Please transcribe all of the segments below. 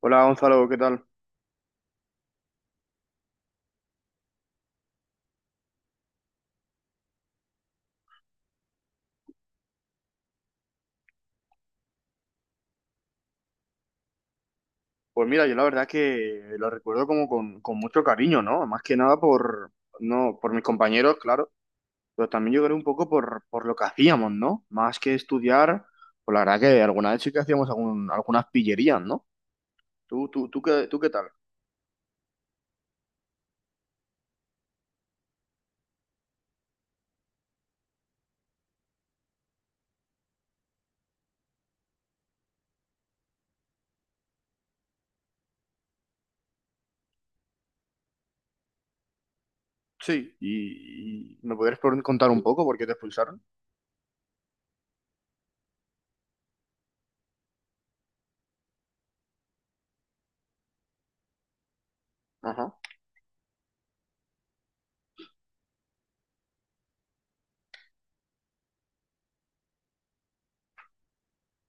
Hola Gonzalo, ¿qué tal? Pues mira, yo la verdad que lo recuerdo como con mucho cariño, ¿no? Más que nada por, no, por mis compañeros, claro, pero también yo creo un poco por lo que hacíamos, ¿no? Más que estudiar, pues la verdad que alguna vez sí que hacíamos algunas pillerías, ¿no? ¿Tú qué tal? Sí. ¿Y me podrías contar un poco por qué te expulsaron? Ajá.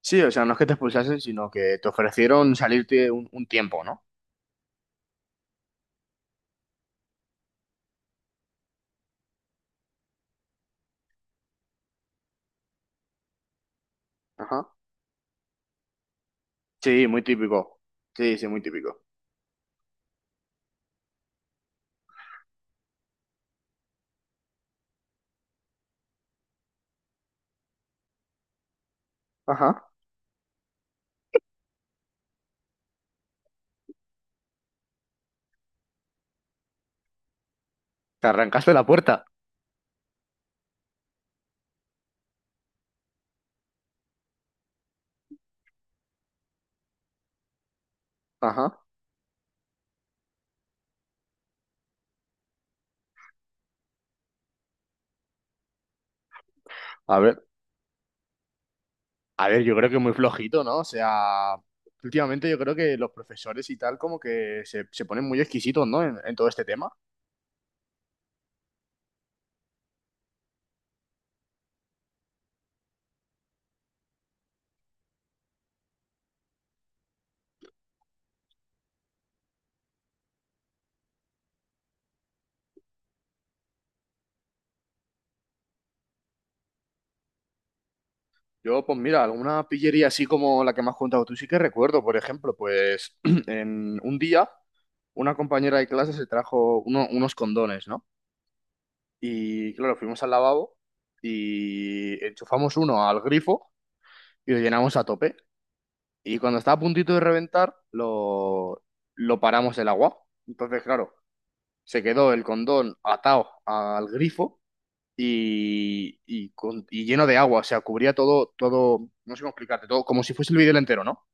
Sí, o sea, no es que te expulsasen, sino que te ofrecieron salirte un tiempo, ¿no? Ajá. Sí, muy típico. Sí, sí, muy típico. Ajá. Te arrancaste la puerta. Ajá. A ver, a ver, yo creo que muy flojito, ¿no? O sea, últimamente yo creo que los profesores y tal como que se ponen muy exquisitos, ¿no? En todo este tema. Yo, pues mira, alguna pillería así como la que me has contado tú sí que recuerdo. Por ejemplo, pues en un día una compañera de clase se trajo unos condones, ¿no? Y claro, fuimos al lavabo y enchufamos uno al grifo y lo llenamos a tope. Y cuando estaba a puntito de reventar, lo paramos el agua. Entonces, claro, se quedó el condón atado al grifo y, y lleno de agua. O sea, cubría todo, todo, no sé cómo explicarte, todo como si fuese el vídeo entero, ¿no?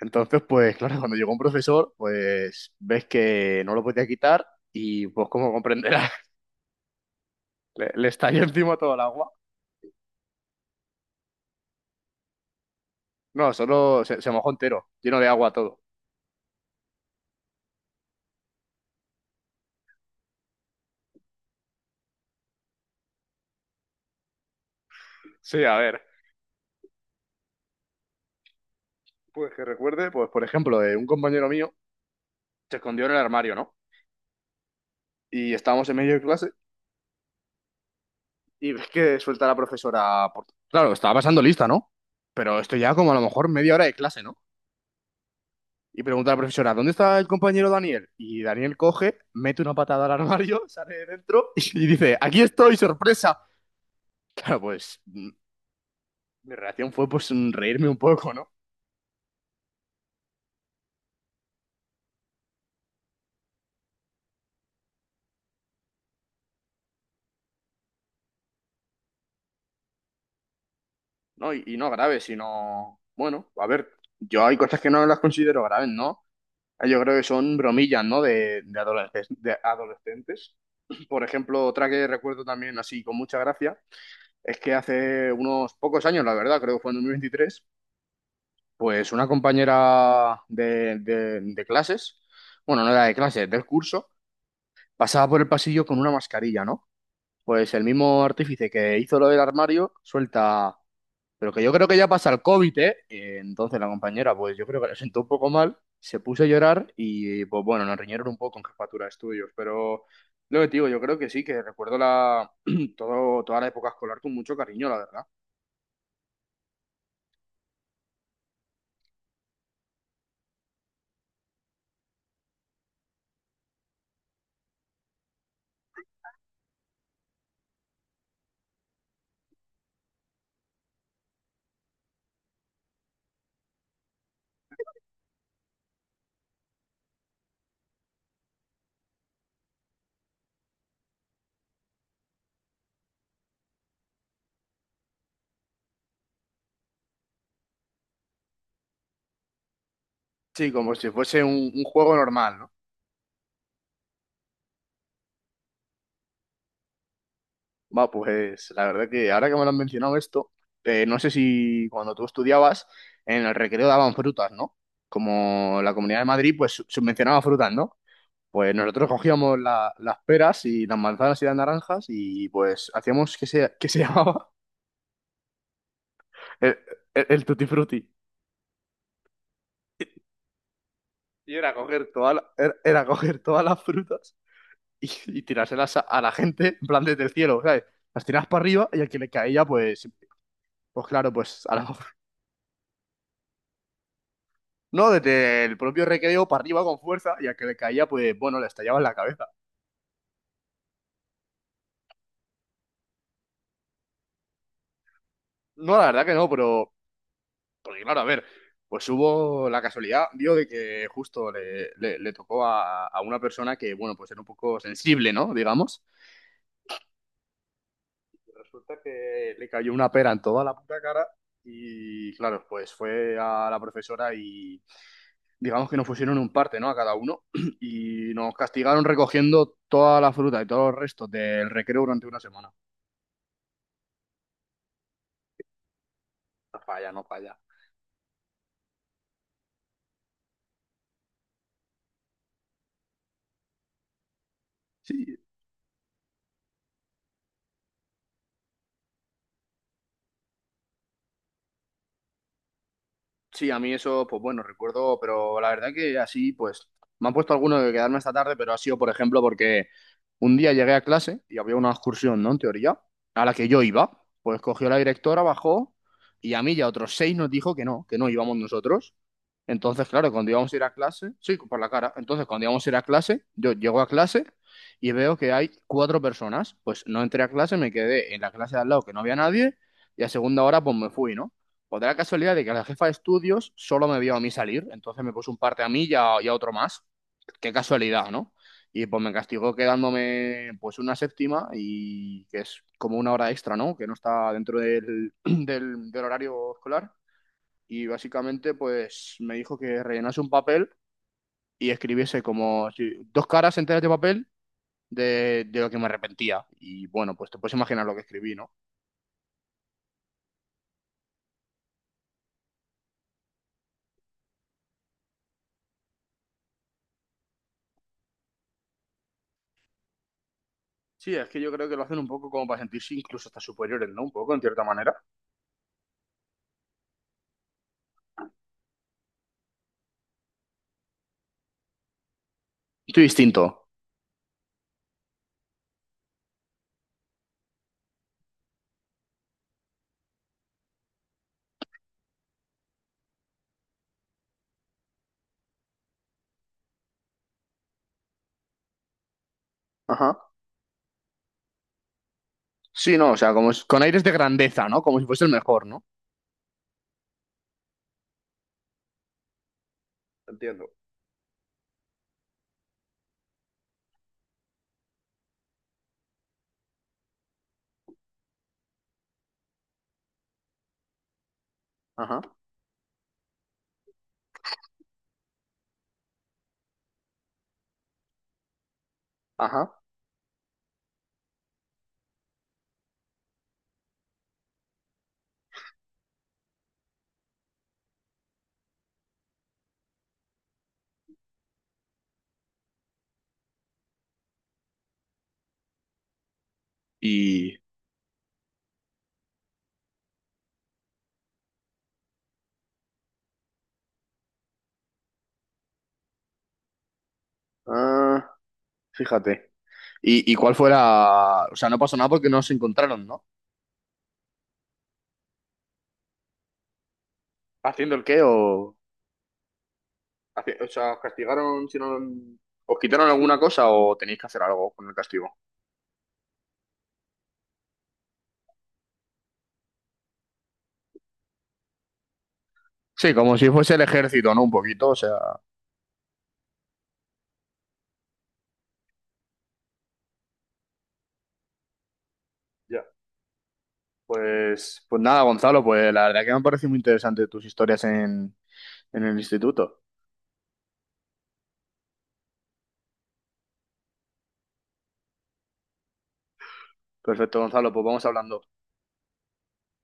Entonces, pues claro, cuando llegó un profesor, pues ves que no lo podía quitar y pues como comprenderás, le estalló encima todo el agua. No, solo se mojó entero, lleno de agua todo. Sí, a ver. Pues que recuerde, pues por ejemplo, de un compañero mío se escondió en el armario, ¿no? Y estábamos en medio de clase y ves que suelta la profesora claro, estaba pasando lista, ¿no? Pero esto ya como a lo mejor media hora de clase, ¿no? Y pregunta a la profesora, ¿dónde está el compañero Daniel? Y Daniel coge, mete una patada al armario, sale de dentro y dice, aquí estoy, sorpresa. Claro, pues mi reacción fue pues reírme un poco, ¿no? No, y no grave, sino, bueno, a ver, yo hay cosas que no las considero graves, ¿no? Yo creo que son bromillas, ¿no? De adolescentes, de adolescentes. Por ejemplo, otra que recuerdo también así con mucha gracia es que hace unos pocos años, la verdad, creo que fue en 2023. Pues una compañera de clases, bueno, no era de clases, del curso, pasaba por el pasillo con una mascarilla, ¿no? Pues el mismo artífice que hizo lo del armario suelta, pero que yo creo que ya pasa el COVID, ¿eh? Entonces la compañera, pues yo creo que la sentó un poco mal, se puso a llorar y, pues bueno, nos riñeron un poco en jefatura de estudios. Pero lo que te digo, yo creo que sí, que recuerdo la, todo, toda la época escolar con mucho cariño, la verdad. Sí, como si fuese un juego normal, ¿no? Va, pues la verdad que ahora que me lo han mencionado esto, no sé si cuando tú estudiabas en el recreo daban frutas, ¿no? Como la Comunidad de Madrid, pues subvencionaba frutas, ¿no? Pues nosotros cogíamos las peras y las manzanas y las naranjas y pues hacíamos que se llamaba el, el tutti frutti. Y era coger, era, era coger todas las frutas y tirárselas a la gente en plan desde el cielo, ¿sabes? Las tirabas para arriba y al que le caía, pues, pues claro, pues no, desde el propio recreo para arriba con fuerza y al que le caía, pues bueno, le estallaba en la cabeza. No, la verdad que no. Pero porque claro, a ver, pues hubo la casualidad, dio de que justo le tocó a una persona que, bueno, pues era un poco sensible, ¿no? Digamos. Resulta que le cayó una pera en toda la puta cara y, claro, pues fue a la profesora y digamos que nos pusieron un parte, ¿no? A cada uno. Y nos castigaron recogiendo toda la fruta y todos los restos del recreo durante una semana. No falla, no falla. Sí, sí, a mí eso, pues bueno, recuerdo, pero la verdad que así, pues, me han puesto alguno de quedarme esta tarde, pero ha sido, por ejemplo, porque un día llegué a clase y había una excursión, ¿no? En teoría, a la que yo iba, pues cogió la directora, bajó y a mí y a otros seis nos dijo que no íbamos nosotros. Entonces, claro, cuando íbamos a ir a clase, sí, por la cara, entonces cuando íbamos a ir a clase, yo llego a clase y veo que hay cuatro personas, pues no entré a clase, me quedé en la clase de al lado que no había nadie y a segunda hora, pues me fui, ¿no? Pues de la casualidad de que la jefa de estudios solo me vio a mí salir, entonces me puso un parte a mí y y a otro más. Qué casualidad, ¿no? Y pues me castigó quedándome pues una séptima y que es como una hora extra, ¿no? Que no está dentro del horario escolar. Y básicamente pues me dijo que rellenase un papel y escribiese como si- dos caras enteras de papel de lo que me arrepentía. Y bueno, pues te puedes imaginar lo que escribí, ¿no? Sí, es que yo creo que lo hacen un poco como para sentirse incluso hasta superiores, ¿no? Un poco, en cierta manera. Estoy distinto. Ajá, sí, no, o sea, como con aires de grandeza, ¿no? Como si fuese el mejor, ¿no? Entiendo. Ajá, ajá. Y, ah, fíjate. Y y cuál fue la... O sea, no pasó nada porque no se encontraron, ¿no? ¿Haciendo el qué o...? O sea, ¿os castigaron si no... ¿os quitaron alguna cosa o tenéis que hacer algo con el castigo? Sí, como si fuese el ejército, ¿no? Un poquito, o sea... Ya. Pues, pues nada, Gonzalo, pues la verdad que me han parecido muy interesantes tus historias en el instituto. Perfecto, Gonzalo, pues vamos hablando.